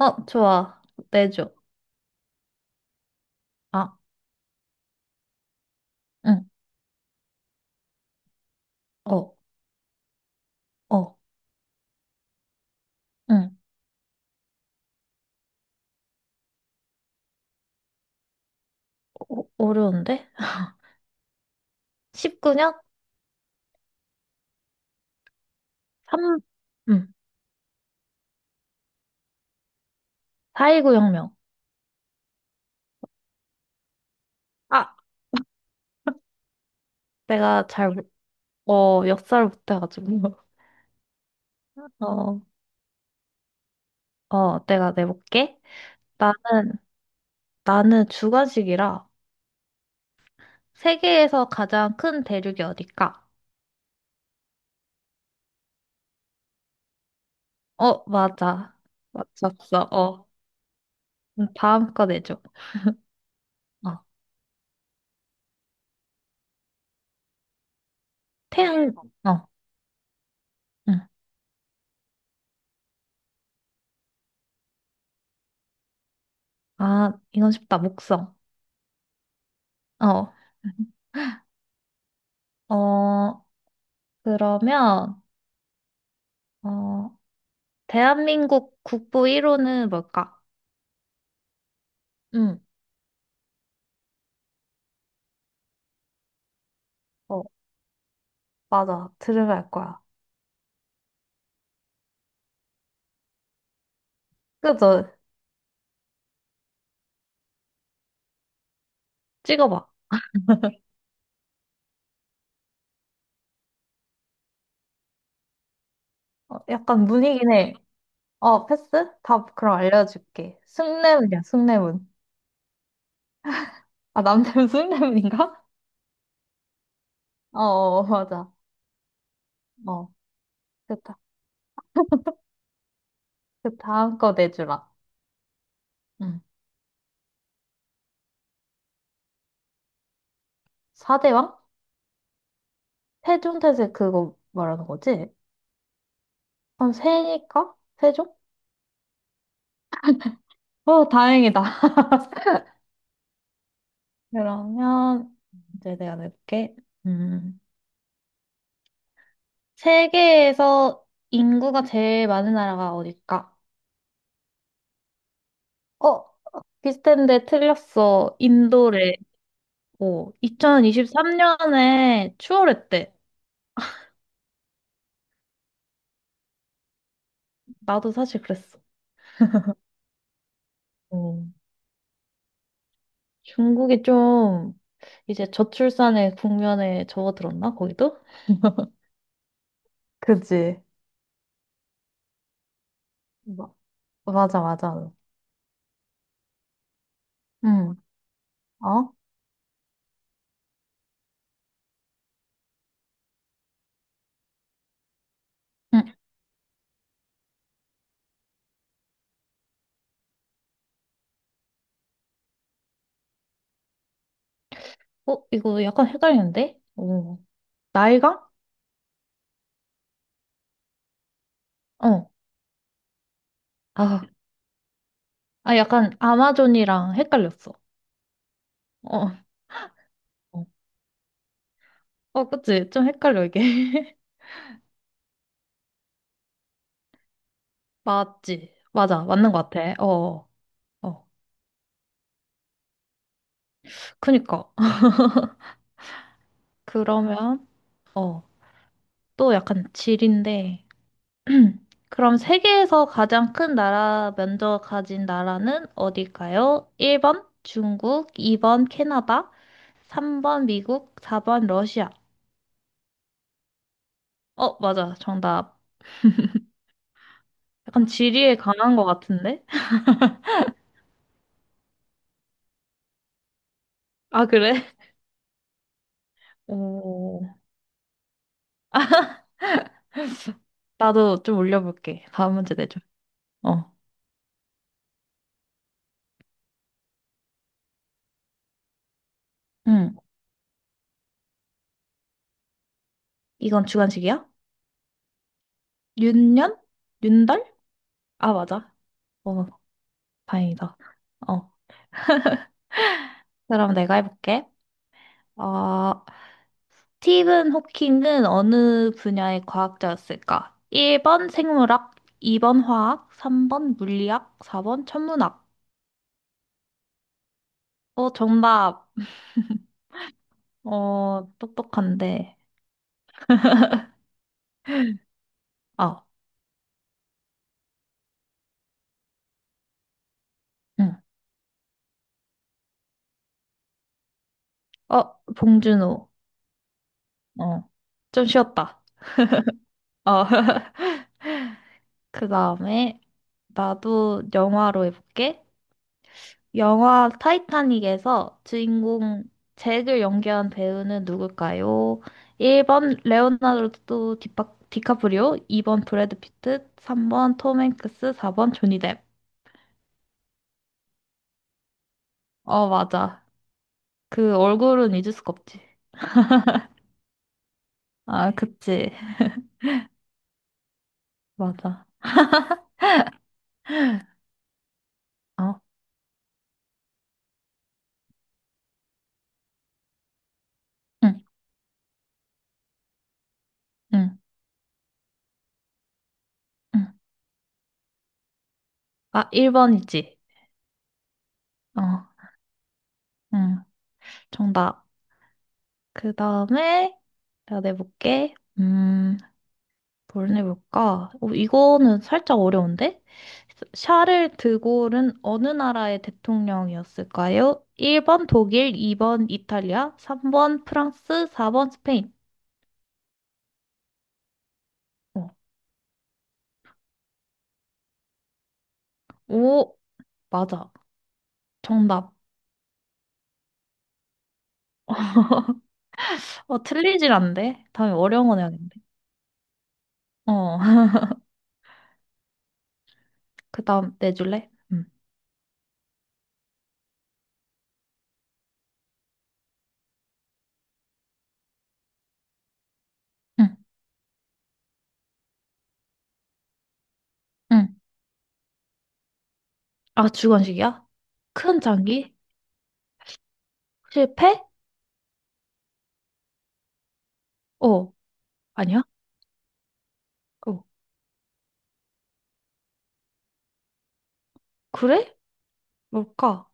어, 좋아. 내줘. 아, 응, 어, 어, 응. 어, 어려운데? 19년? 3, 응. 4.19 혁명. 아, 내가 잘, 어, 역사를 못해가지고. 어, 어, 내가 내볼게. 나는, 나는 주관식이라 세계에서 가장 큰 대륙이 어딜까? 어, 맞아. 맞췄어. 어. 다음 거 내줘. 어. 태양, 어, 응. 아, 이건 쉽다. 목성. 어. 어, 그러면, 어, 대한민국 국부 1호는 뭘까? 응, 어, 맞아. 들으면 알 거야. 그죠? 찍어봐. 어, 약간 문이긴 해. 어, 패스? 답 그럼 알려줄게. 숭례문이야, 숭례문. 아, 남대문 숭례문인가? 어, 어, 맞아. 어, 됐다. 그 다음 거 내주라. 응. 사대왕? 세종태세 그거 말하는 거지? 그럼 세니까? 세종? 어, 다행이다. 그러면 이제 내가 낼게. 음. 세계에서 인구가 제일 많은 나라가 어딜까? 어, 비슷한데 틀렸어. 인도래. 오, 2023년에 추월했대. 나도 사실 그랬어. 어. 중국이 좀 이제 저출산의 국면에 접어들었나? 거기도? 그지? 맞아, 맞아. 응. 어? 응. 어, 이거 약간 헷갈리는데? 오. 나이가 어. 아, 아, 약간 아마존이랑 헷갈렸어. 어, 어, 어, 그치? 좀 헷갈려, 이게. 맞지? 맞아, 맞는 것 같아. 어, 어. 어. 그니까. 그러면, 어, 또 약간 질인데. 그럼 세계에서 가장 큰 나라 면적 가진 나라는 어딜까요? 1번 중국, 2번 캐나다, 3번 미국, 4번 러시아. 어, 맞아. 정답. 약간 지리에 강한 것 같은데? 아, 그래? 오. 나도 좀 올려볼게. 다음 문제 내줘. 어. 응. 이건 주관식이야? 윤년? 윤달? 아, 맞아. 어, 다행이다. 어. 그럼 내가 해볼게. 어, 스티븐 호킹은 어느 분야의 과학자였을까? 1번 생물학, 2번 화학, 3번 물리학, 4번 천문학. 어, 정답. 어, 똑똑한데. 아, 응. 어, 봉준호. 어. 좀 쉬웠다. 어. 그 다음에 나도 영화로 해볼게. 영화 타이타닉에서 주인공 잭을 연기한 배우는 누굴까요? 1번 레오나르도 디카프리오, 2번 브래드 피트, 3번 톰 행크스, 4번 조니 뎁. 어, 맞아. 그 얼굴은 잊을 수가 없지. 아, 그치. 맞아. 어, 응, 응, 응. 아, 1번이지. 어, 응. 정답. 그 다음에 내가 내볼게. 음. 뭘 해볼까? 어, 이거는 살짝 어려운데? 샤를 드골은 어느 나라의 대통령이었을까요? 1번 독일, 2번 이탈리아, 3번 프랑스, 4번 스페인. 어. 오, 맞아. 정답. 어, 틀리질 않는데? 다음에 어려운 거 내야겠는데. 어, 그 다음 내줄래? 응, 응, 응. 아, 주관식이야? 큰 장기? 실패? 어, 아니야? 어, 그래? 뭘까?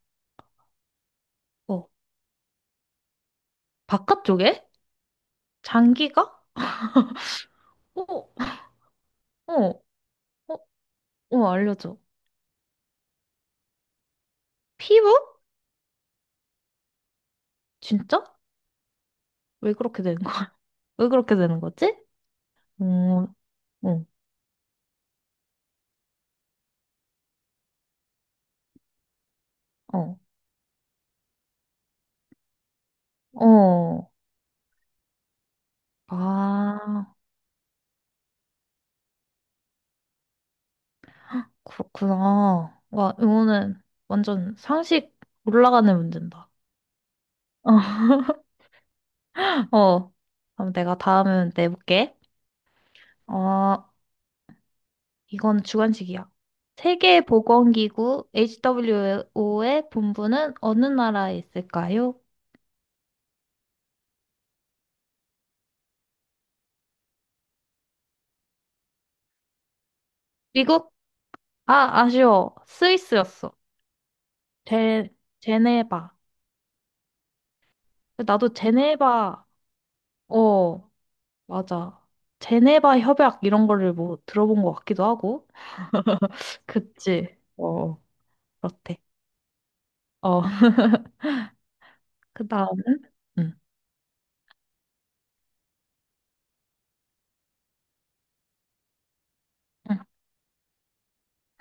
어, 바깥쪽에? 장기가? 어? 어, 어, 어, 알려줘. 피부? 진짜? 왜 그렇게 되는 거야? 왜 그렇게 되는 거지? 음, 응, 어, 어. 아, 그렇구나. 와, 이거는 완전 상식 올라가는 문제다. 어, 어. 그럼 내가 다음은 내볼게. 어, 이건 주관식이야. 세계보건기구 HWO의 본부는 어느 나라에 있을까요? 미국? 아, 아쉬워. 스위스였어. 제, 제네바. 나도 제네바, 어, 맞아. 제네바 협약 이런 거를 뭐 들어본 것 같기도 하고. 그치. 어, 그렇대. 어, 그 다음은? 응. 응.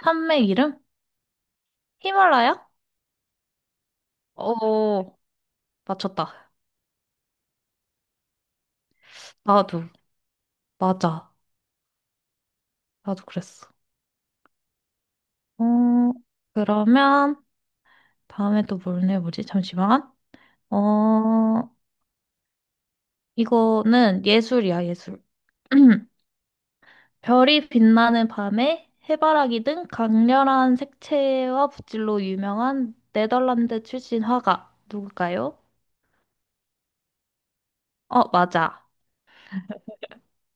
산맥 이름? 히말라야? 어, 맞췄다. 나도, 맞아. 나도 그랬어. 어, 그러면 다음에 또 뭘 내보지? 잠시만. 어, 이거는 예술이야, 예술. 별이 빛나는 밤에 해바라기 등 강렬한 색채와 붓질로 유명한 네덜란드 출신 화가 누굴까요? 어, 맞아.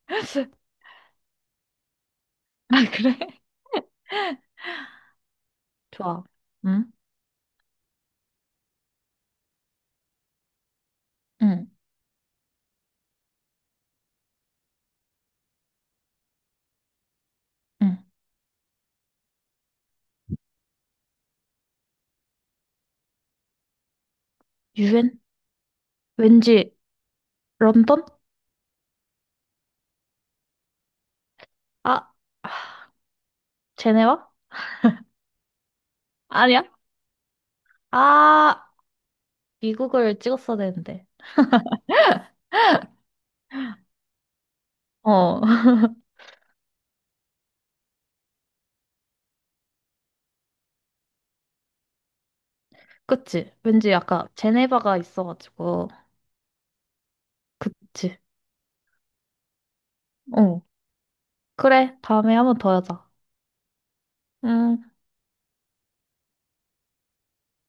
아, 그래? 좋아. 응? 응, 응. 유엔? 왠지 런던? 아, 아, 제네와? 아니야? 아, 미국을 찍었어야 되는데. 어, 그치. 왠지 약간 제네바가 있어가지고. 그치. 어. 그래, 다음에 한번 더 하자. 음.